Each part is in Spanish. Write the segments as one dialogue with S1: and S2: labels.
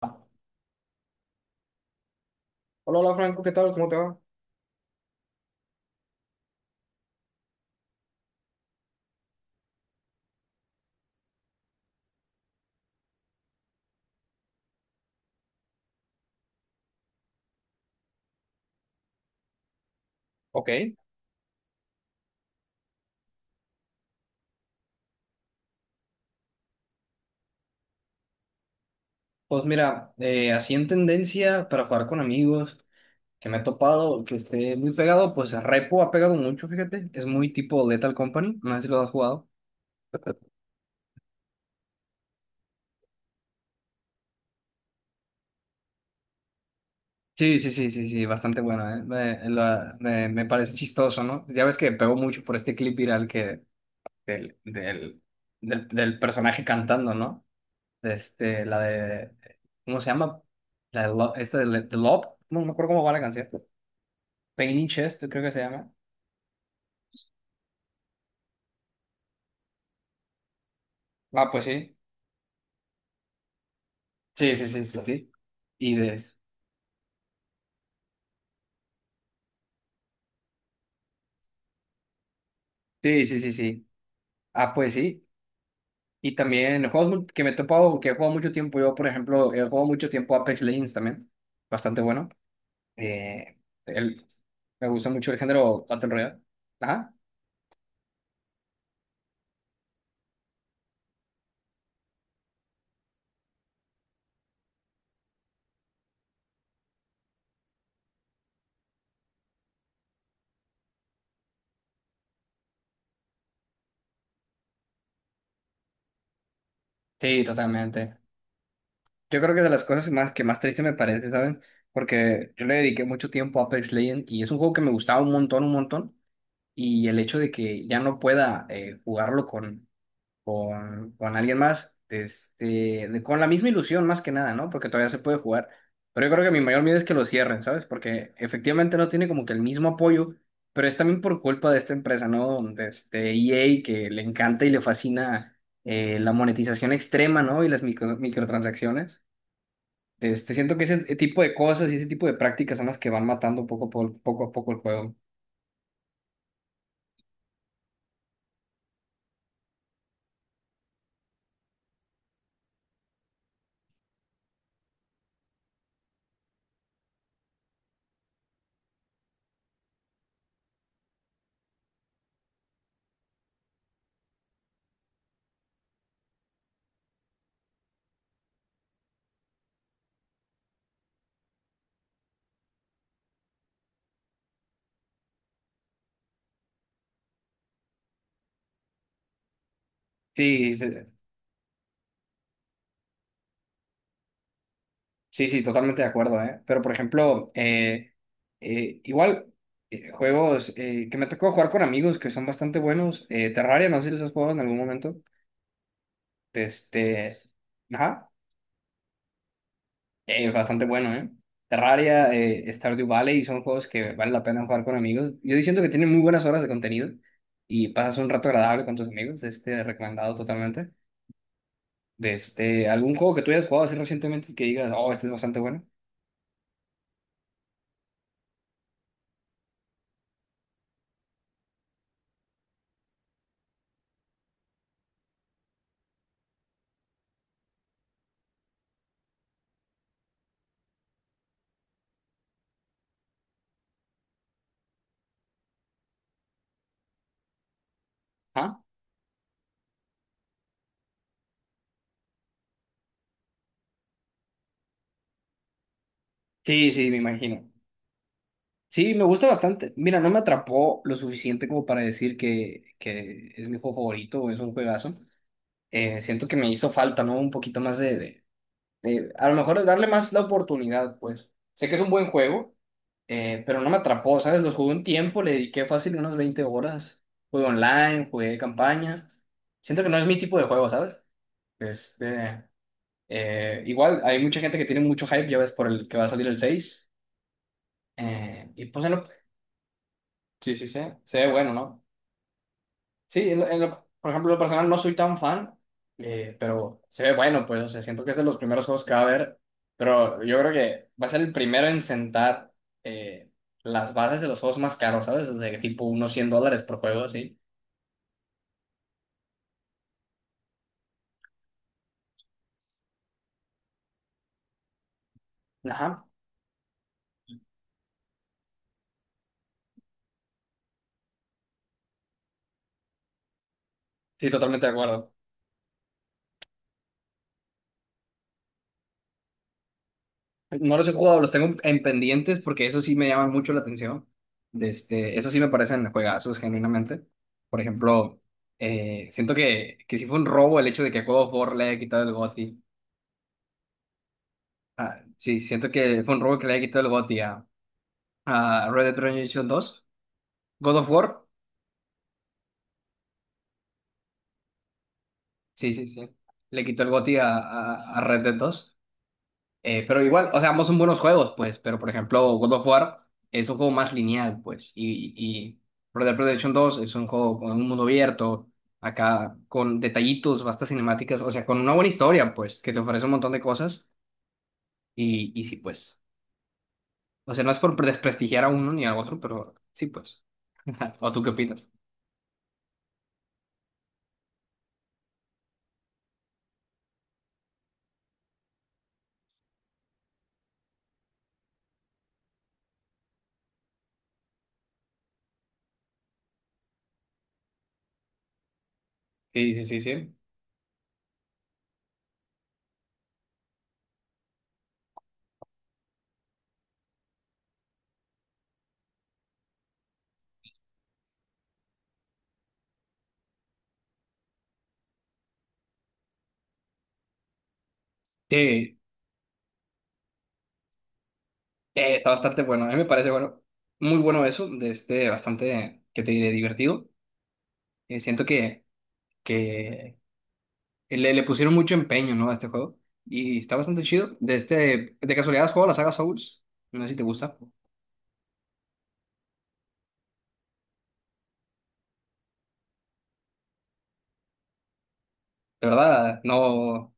S1: Hola, hola Franco, ¿qué tal? ¿Cómo te va? Ok. Pues mira, así en tendencia para jugar con amigos, que me he topado, que esté muy pegado, pues Repo ha pegado mucho, fíjate, es muy tipo Lethal Company, no sé si lo has jugado. Sí, sí, sí, sí, sí, bastante bueno, ¿eh? Me parece chistoso, ¿no? Ya ves que pegó mucho por este clip viral que del, del, del personaje cantando, ¿no? Este, la de, ¿cómo se llama? La de esta de, de Love, no me acuerdo cómo va la canción. Pain in Chest, creo que se llama. Ah, pues sí. Sí, sí, sí, sí, sí. Y de... Sí, sí, sí, sí. Ah, pues sí. Y también que me he topado, que he jugado mucho tiempo. Yo, por ejemplo, he jugado mucho tiempo Apex Legends también. Bastante bueno. Eh, el- Me gusta mucho el género Battle Royale. Ajá. Sí, totalmente. Yo creo que de las cosas más que más triste me parece, ¿saben? Porque yo le dediqué mucho tiempo a Apex Legends y es un juego que me gustaba un montón, un montón. Y el hecho de que ya no pueda jugarlo con alguien más, este, con la misma ilusión más que nada, ¿no? Porque todavía se puede jugar. Pero yo creo que mi mayor miedo es que lo cierren, ¿sabes? Porque efectivamente no tiene como que el mismo apoyo, pero es también por culpa de esta empresa, ¿no? De este EA que le encanta y le fascina la monetización extrema, ¿no? Y las microtransacciones. Este, siento que ese tipo de cosas y ese tipo de prácticas son las que van matando poco a poco el juego. Sí, sí. Sí, sí, totalmente de acuerdo, ¿eh? Pero, por ejemplo, igual, juegos que me tocó jugar con amigos que son bastante buenos. Terraria, no sé si los has jugado en algún momento. Este, ajá, es bastante bueno, ¿eh? Terraria, Stardew Valley, son juegos que vale la pena jugar con amigos. Yo siento que tienen muy buenas horas de contenido y pasas un rato agradable con tus amigos, este, recomendado totalmente. De este, algún juego que tú hayas jugado así recientemente que digas, oh, este es bastante bueno. ¿Ah? Sí, sí, me imagino. Sí, me gusta bastante. Mira, no me atrapó lo suficiente como para decir que es mi juego favorito o es un juegazo. Siento que me hizo falta, ¿no? Un poquito más a lo mejor darle más la oportunidad, pues. Sé que es un buen juego, pero no me atrapó, ¿sabes? Lo jugué un tiempo, le dediqué fácil unas 20 horas. Jugué online, jugué campañas. Siento que no es mi tipo de juego, ¿sabes? Este, igual, hay mucha gente que tiene mucho hype, ya ves, por el que va a salir el seis. Y pues, en sí, sí, sí. Se ve bueno, ¿no? Sí, por ejemplo, en lo personal no soy tan fan, pero se ve bueno, pues, o sea, siento que es de los primeros juegos que va a haber, pero yo creo que va a ser el primero en sentar eh, las bases de los juegos más caros, ¿sabes? De tipo unos $100 por juego, así. Ajá. Sí, totalmente de acuerdo. No los he jugado, los tengo en pendientes porque eso sí me llama mucho la atención. De este, eso sí me parecen juegazos, genuinamente. Por ejemplo, siento que sí fue un robo el hecho de que el juego of War le haya quitado el GOTY. Ah, sí, siento que fue un robo que le quitó el GOTY a Red Dead Redemption 2. God of War, sí, sí, sí. Le quitó el GOTY a, a Red Dead 2. Pero igual, o sea, ambos son buenos juegos, pues. Pero por ejemplo, God of War es un juego más lineal, pues. Y Red Dead Redemption 2 es un juego con un mundo abierto, acá con detallitos, vastas cinemáticas, o sea, con una buena historia, pues, que te ofrece un montón de cosas. Y sí, pues. O sea, no es por desprestigiar a uno ni a otro, pero sí, pues. ¿O tú qué opinas? Sí, sí, sí, sí. Sí, está bastante bueno. A mí me parece bueno, muy bueno eso, de este bastante, que te diré, divertido. Siento que le pusieron mucho empeño, ¿no? A este juego. Y está bastante chido. De este, de casualidad, ¿has jugado la saga Souls? No sé si te gusta. De verdad, no.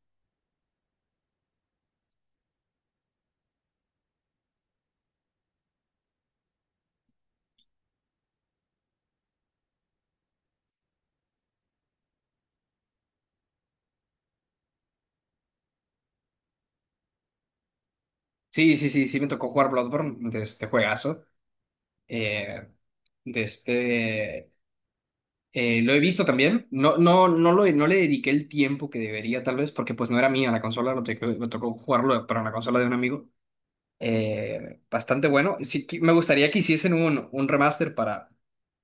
S1: Sí, sí, sí, sí, me tocó jugar Bloodborne, de este juegazo. Eh, de este. Lo he visto también. No, no, no, lo, no le dediqué el tiempo que debería, tal vez, porque pues no era mía la consola, lo tocó, me tocó jugarlo para una consola de un amigo. Bastante bueno. Sí, me gustaría que hiciesen un remaster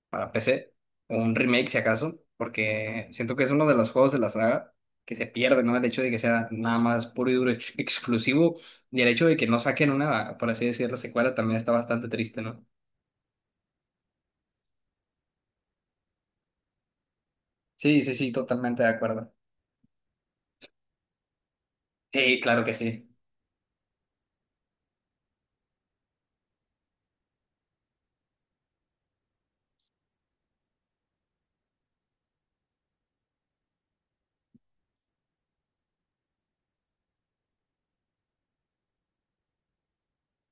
S1: para PC, o un remake si acaso, porque siento que es uno de los juegos de la saga que se pierde, ¿no? El hecho de que sea nada más puro y duro exclusivo y el hecho de que no saquen una, por así decirlo, secuela también está bastante triste, ¿no? Sí, sí, sí, totalmente de acuerdo. Sí, claro que sí.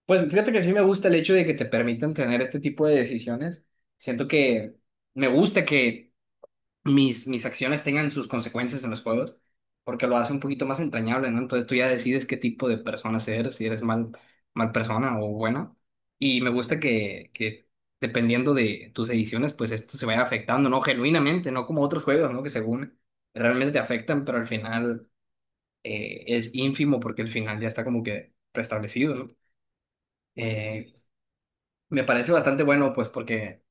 S1: Pues fíjate que sí me gusta el hecho de que te permitan tener este tipo de decisiones. Siento que me gusta que mis acciones tengan sus consecuencias en los juegos, porque lo hace un poquito más entrañable, ¿no? Entonces tú ya decides qué tipo de persona eres, si eres mal persona o buena. Y me gusta que dependiendo de tus ediciones, pues esto se vaya afectando, ¿no? Genuinamente, no como otros juegos, ¿no? Que según realmente te afectan, pero al final es ínfimo porque el final ya está como que preestablecido, ¿no? Eh, me parece bastante bueno, pues, porque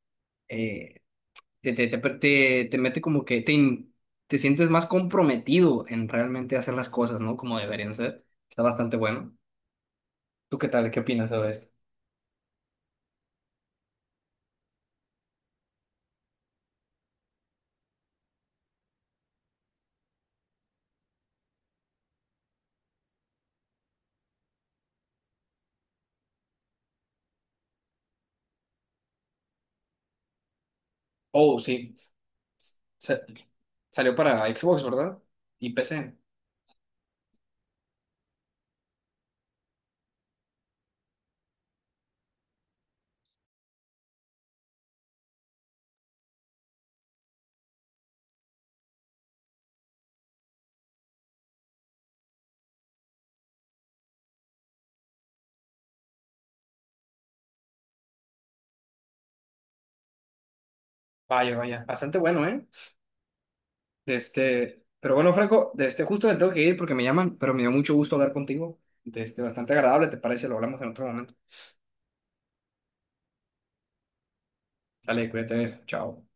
S1: eh, te mete como que te sientes más comprometido en realmente hacer las cosas, ¿no? Como deberían ser. Está bastante bueno. ¿Tú qué tal? ¿Qué opinas sobre esto? Oh, sí. Sa- Salió para Xbox, ¿verdad? Y PC. Vaya, vaya. Bastante bueno, ¿eh? De este... Pero bueno, Franco, de este justo me tengo que ir porque me llaman, pero me dio mucho gusto hablar contigo. De este, bastante agradable, ¿te parece? Lo hablamos en otro momento. Sale, cuídate. Chao.